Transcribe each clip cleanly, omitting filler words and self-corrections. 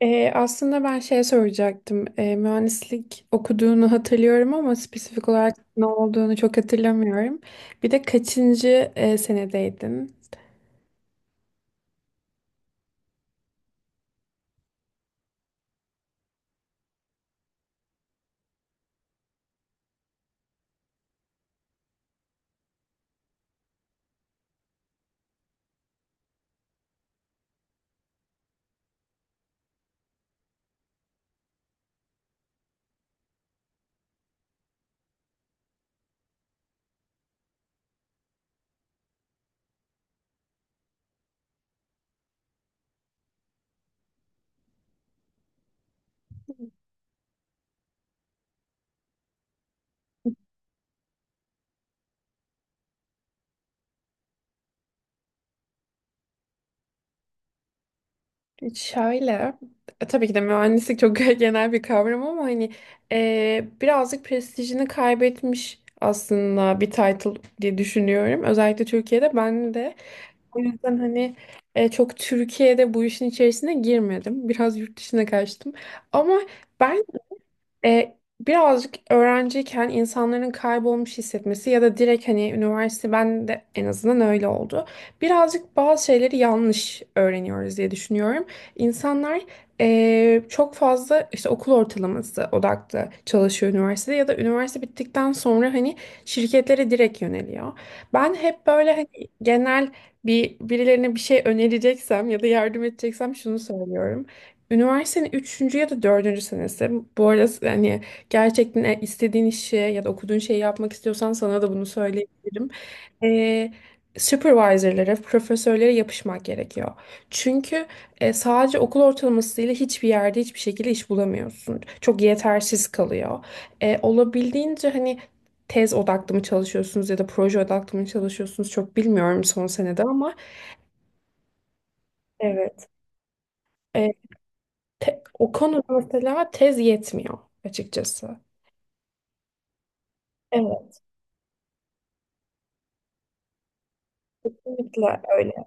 Aslında ben şey soracaktım. Mühendislik okuduğunu hatırlıyorum, ama spesifik olarak ne olduğunu çok hatırlamıyorum. Bir de kaçıncı senedeydin? Şöyle, tabii ki de mühendislik çok genel bir kavram, ama hani birazcık prestijini kaybetmiş aslında bir title diye düşünüyorum. Özellikle Türkiye'de, ben de. O yüzden hani çok Türkiye'de bu işin içerisine girmedim. Biraz yurt dışına kaçtım. Ama ben, birazcık öğrenciyken insanların kaybolmuş hissetmesi ya da direkt hani üniversite, ben de en azından öyle oldu. Birazcık bazı şeyleri yanlış öğreniyoruz diye düşünüyorum. İnsanlar çok fazla işte okul ortalaması odaklı çalışıyor üniversitede, ya da üniversite bittikten sonra hani şirketlere direkt yöneliyor. Ben hep böyle hani genel bir, birilerine bir şey önereceksem ya da yardım edeceksem şunu söylüyorum. Üniversitenin üçüncü ya da dördüncü senesi. Bu arada hani gerçekten istediğin işi ya da okuduğun şeyi yapmak istiyorsan sana da bunu söyleyebilirim. Ee, supervisor'lara, profesörlere yapışmak gerekiyor. Çünkü sadece okul ortalamasıyla hiçbir yerde hiçbir şekilde iş bulamıyorsun. Çok yetersiz kalıyor. Olabildiğince hani tez odaklı mı çalışıyorsunuz ya da proje odaklı mı çalışıyorsunuz, çok bilmiyorum son senede. Ama evet. O konuda mesela tez yetmiyor açıkçası. Evet, kesinlikle öyle.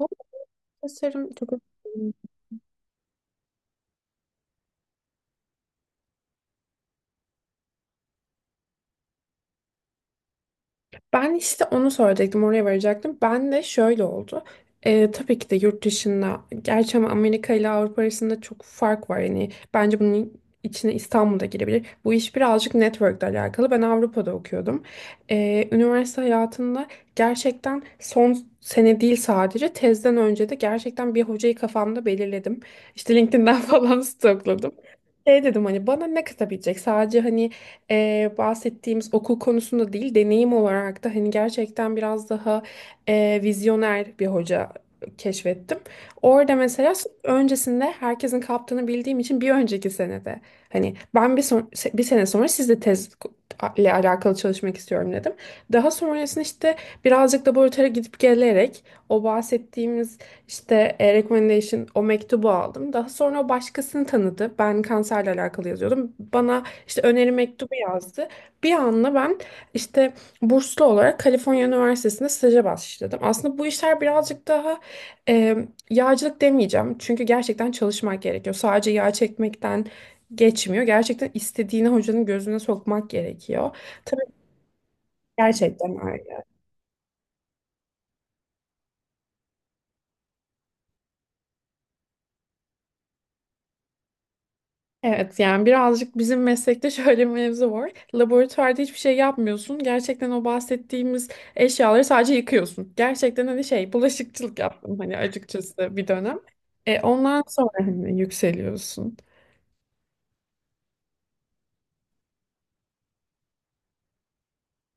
Bu tasarım çok önemli. Ben işte onu söyleyecektim, oraya varacaktım. Ben de şöyle oldu. Tabii ki de yurt dışında, gerçi ama Amerika ile Avrupa arasında çok fark var. Yani bence bunun içine İstanbul da girebilir. Bu iş birazcık network'le alakalı. Ben Avrupa'da okuyordum. Üniversite hayatında gerçekten son sene değil, sadece tezden önce de gerçekten bir hocayı kafamda belirledim. İşte LinkedIn'den falan stokladım. Şey dedim hani, bana ne katabilecek? Sadece hani bahsettiğimiz okul konusunda değil, deneyim olarak da hani gerçekten biraz daha vizyoner bir hoca keşfettim. Orada mesela öncesinde herkesin kaptığını bildiğim için bir önceki senede hani ben, bir sene sonra sizle tez ile alakalı çalışmak istiyorum dedim. Daha sonrasında işte birazcık laboratuvara gidip gelerek o bahsettiğimiz işte recommendation, o mektubu aldım. Daha sonra o başkasını tanıdı. Ben kanserle alakalı yazıyordum. Bana işte öneri mektubu yazdı. Bir anda ben işte burslu olarak Kaliforniya Üniversitesi'nde staja başladım. Aslında bu işler birazcık daha e, yağcılık demeyeceğim. Çünkü gerçekten çalışmak gerekiyor. Sadece yağ çekmekten geçmiyor. Gerçekten istediğini hocanın gözüne sokmak gerekiyor. Tabii ki. Gerçekten. Evet, yani birazcık bizim meslekte şöyle bir mevzu var. Laboratuvarda hiçbir şey yapmıyorsun. Gerçekten o bahsettiğimiz eşyaları sadece yıkıyorsun. Gerçekten hani şey, bulaşıkçılık yaptım hani açıkçası bir dönem. Ondan sonra hani yükseliyorsun.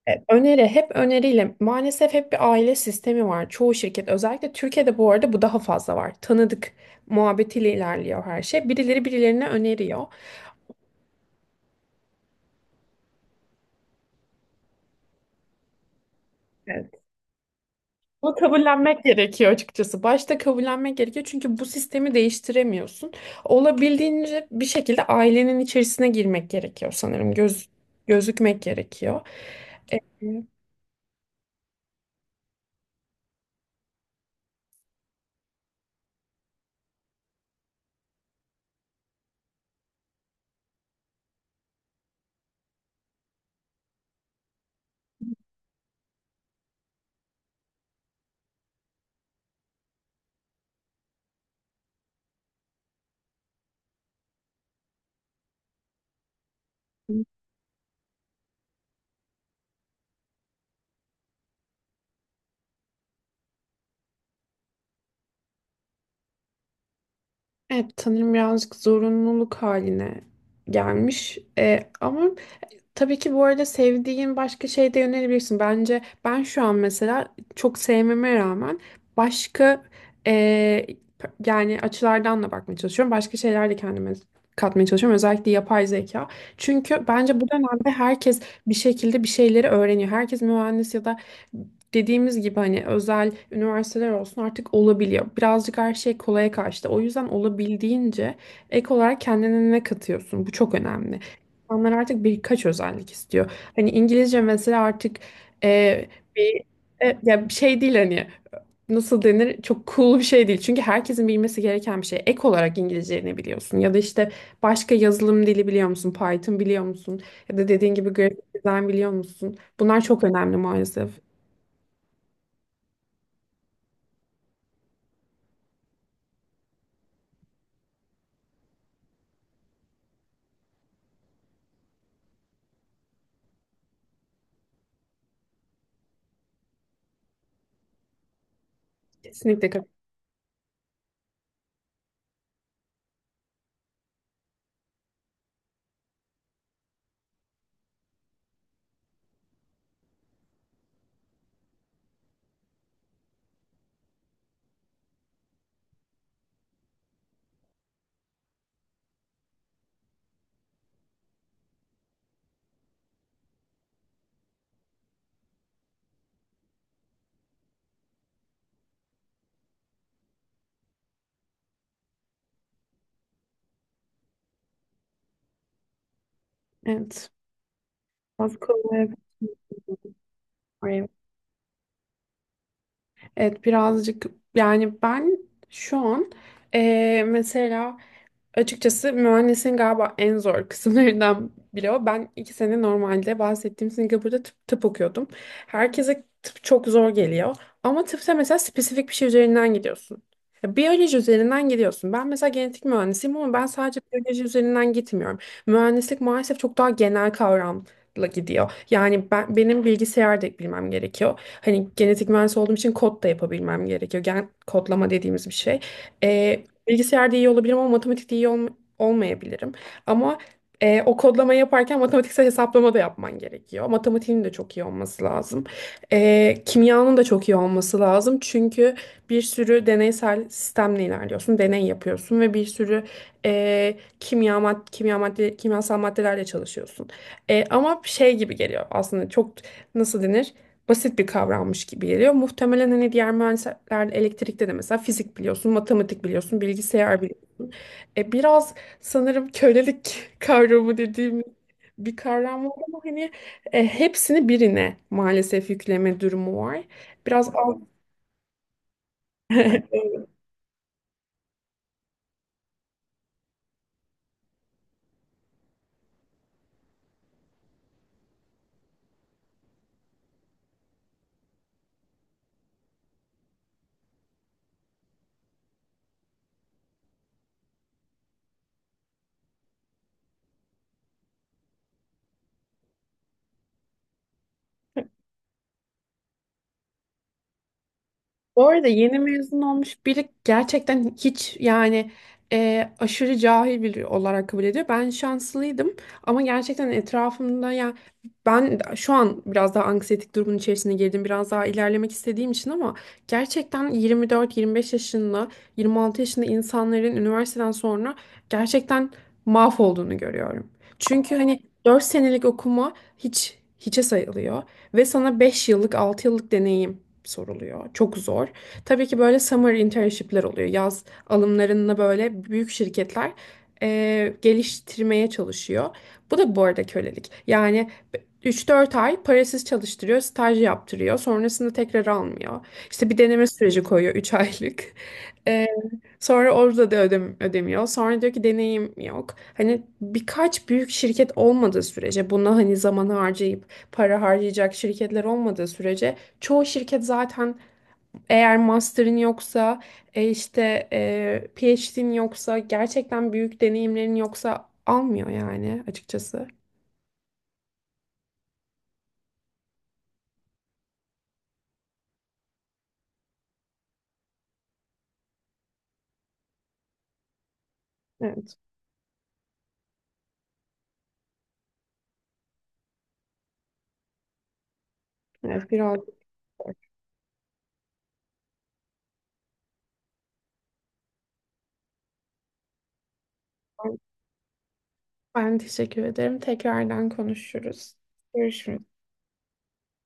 Öneri hep öneriyle, maalesef hep bir aile sistemi var. Çoğu şirket, özellikle Türkiye'de, bu arada bu daha fazla var. Tanıdık muhabbetiyle ilerliyor her şey. Birileri birilerine öneriyor. Bunu kabullenmek gerekiyor açıkçası. Başta kabullenmek gerekiyor, çünkü bu sistemi değiştiremiyorsun. Olabildiğince bir şekilde ailenin içerisine girmek gerekiyor sanırım. Gözükmek gerekiyor. Evet. Evet, sanırım birazcık zorunluluk haline gelmiş. Ama tabii ki bu arada sevdiğin başka şeye de yönelebilirsin. Bence ben şu an mesela çok sevmeme rağmen başka eee, yani açılardan da bakmaya çalışıyorum. Başka şeyler de kendime katmaya çalışıyorum. Özellikle yapay zeka. Çünkü bence bu dönemde herkes bir şekilde bir şeyleri öğreniyor. Herkes mühendis, ya da dediğimiz gibi hani özel üniversiteler olsun, artık olabiliyor. Birazcık her şey kolaya kaçtı. O yüzden olabildiğince ek olarak kendine ne katıyorsun? Bu çok önemli. İnsanlar artık birkaç özellik istiyor. Hani İngilizce mesela, artık e, bir ya bir şey değil hani, nasıl denir, çok cool bir şey değil. Çünkü herkesin bilmesi gereken bir şey. Ek olarak İngilizce ne biliyorsun? Ya da işte başka yazılım dili biliyor musun? Python biliyor musun? Ya da dediğin gibi grafik dizayn biliyor musun? Bunlar çok önemli maalesef. Kesinlikle. Evet. Bazı konulara. Evet, birazcık. Yani ben şu an, mesela, açıkçası mühendisin galiba en zor kısımlarından biri o. Ben 2 sene normalde bahsettiğim Singapur'da tıp okuyordum. Herkese tıp çok zor geliyor. Ama tıpta mesela spesifik bir şey üzerinden gidiyorsun. Ya, biyoloji üzerinden gidiyorsun. Ben mesela genetik mühendisiyim, ama ben sadece biyoloji üzerinden gitmiyorum. Mühendislik maalesef çok daha genel kavramla gidiyor. Yani benim bilgisayar da bilmem gerekiyor. Hani genetik mühendis olduğum için kod da yapabilmem gerekiyor. Gen kodlama dediğimiz bir şey. Ee, Bilgisayarda iyi olabilirim, ama matematikte olmayabilirim. Ama o kodlama yaparken matematiksel hesaplama da yapman gerekiyor. Matematiğin de çok iyi olması lazım. Kimyanın da çok iyi olması lazım. Çünkü bir sürü deneysel sistemle ilerliyorsun. Deney yapıyorsun ve bir sürü kimyasal maddelerle çalışıyorsun. Ama şey gibi geliyor aslında, çok nasıl denir, basit bir kavrammış gibi geliyor. Muhtemelen hani diğer mühendisler, elektrikte de mesela fizik biliyorsun, matematik biliyorsun, bilgisayar biliyorsun. Biraz sanırım kölelik kavramı dediğim bir kavram var, ama hani hepsini birine maalesef yükleme durumu var. Biraz Bu arada yeni mezun olmuş biri gerçekten hiç, yani aşırı cahil biri olarak kabul ediyor. Ben şanslıydım, ama gerçekten etrafımda, ya ben şu an biraz daha anksiyetik durumun içerisine girdim. Biraz daha ilerlemek istediğim için, ama gerçekten 24-25 yaşında, 26 yaşında insanların üniversiteden sonra gerçekten mahvolduğunu görüyorum. Çünkü hani 4 senelik okuma hiçe sayılıyor ve sana 5 yıllık 6 yıllık deneyim soruluyor. Çok zor. Tabii ki böyle summer internship'ler oluyor. Yaz alımlarında böyle büyük şirketler geliştirmeye çalışıyor. Bu da bu arada kölelik. Yani 3-4 ay parasız çalıştırıyor, staj yaptırıyor. Sonrasında tekrar almıyor. İşte bir deneme süreci koyuyor, 3 aylık. Ee, sonra orada da ödemiyor. Sonra diyor ki, deneyim yok. Hani birkaç büyük şirket olmadığı sürece, buna hani zaman harcayıp para harcayacak şirketler olmadığı sürece, çoğu şirket zaten eğer master'ın yoksa, işte PhD'nin yoksa, gerçekten büyük deneyimlerin yoksa almıyor yani açıkçası. Evet. Evet, biraz. Ben teşekkür ederim. Tekrardan konuşuruz. Görüşürüz.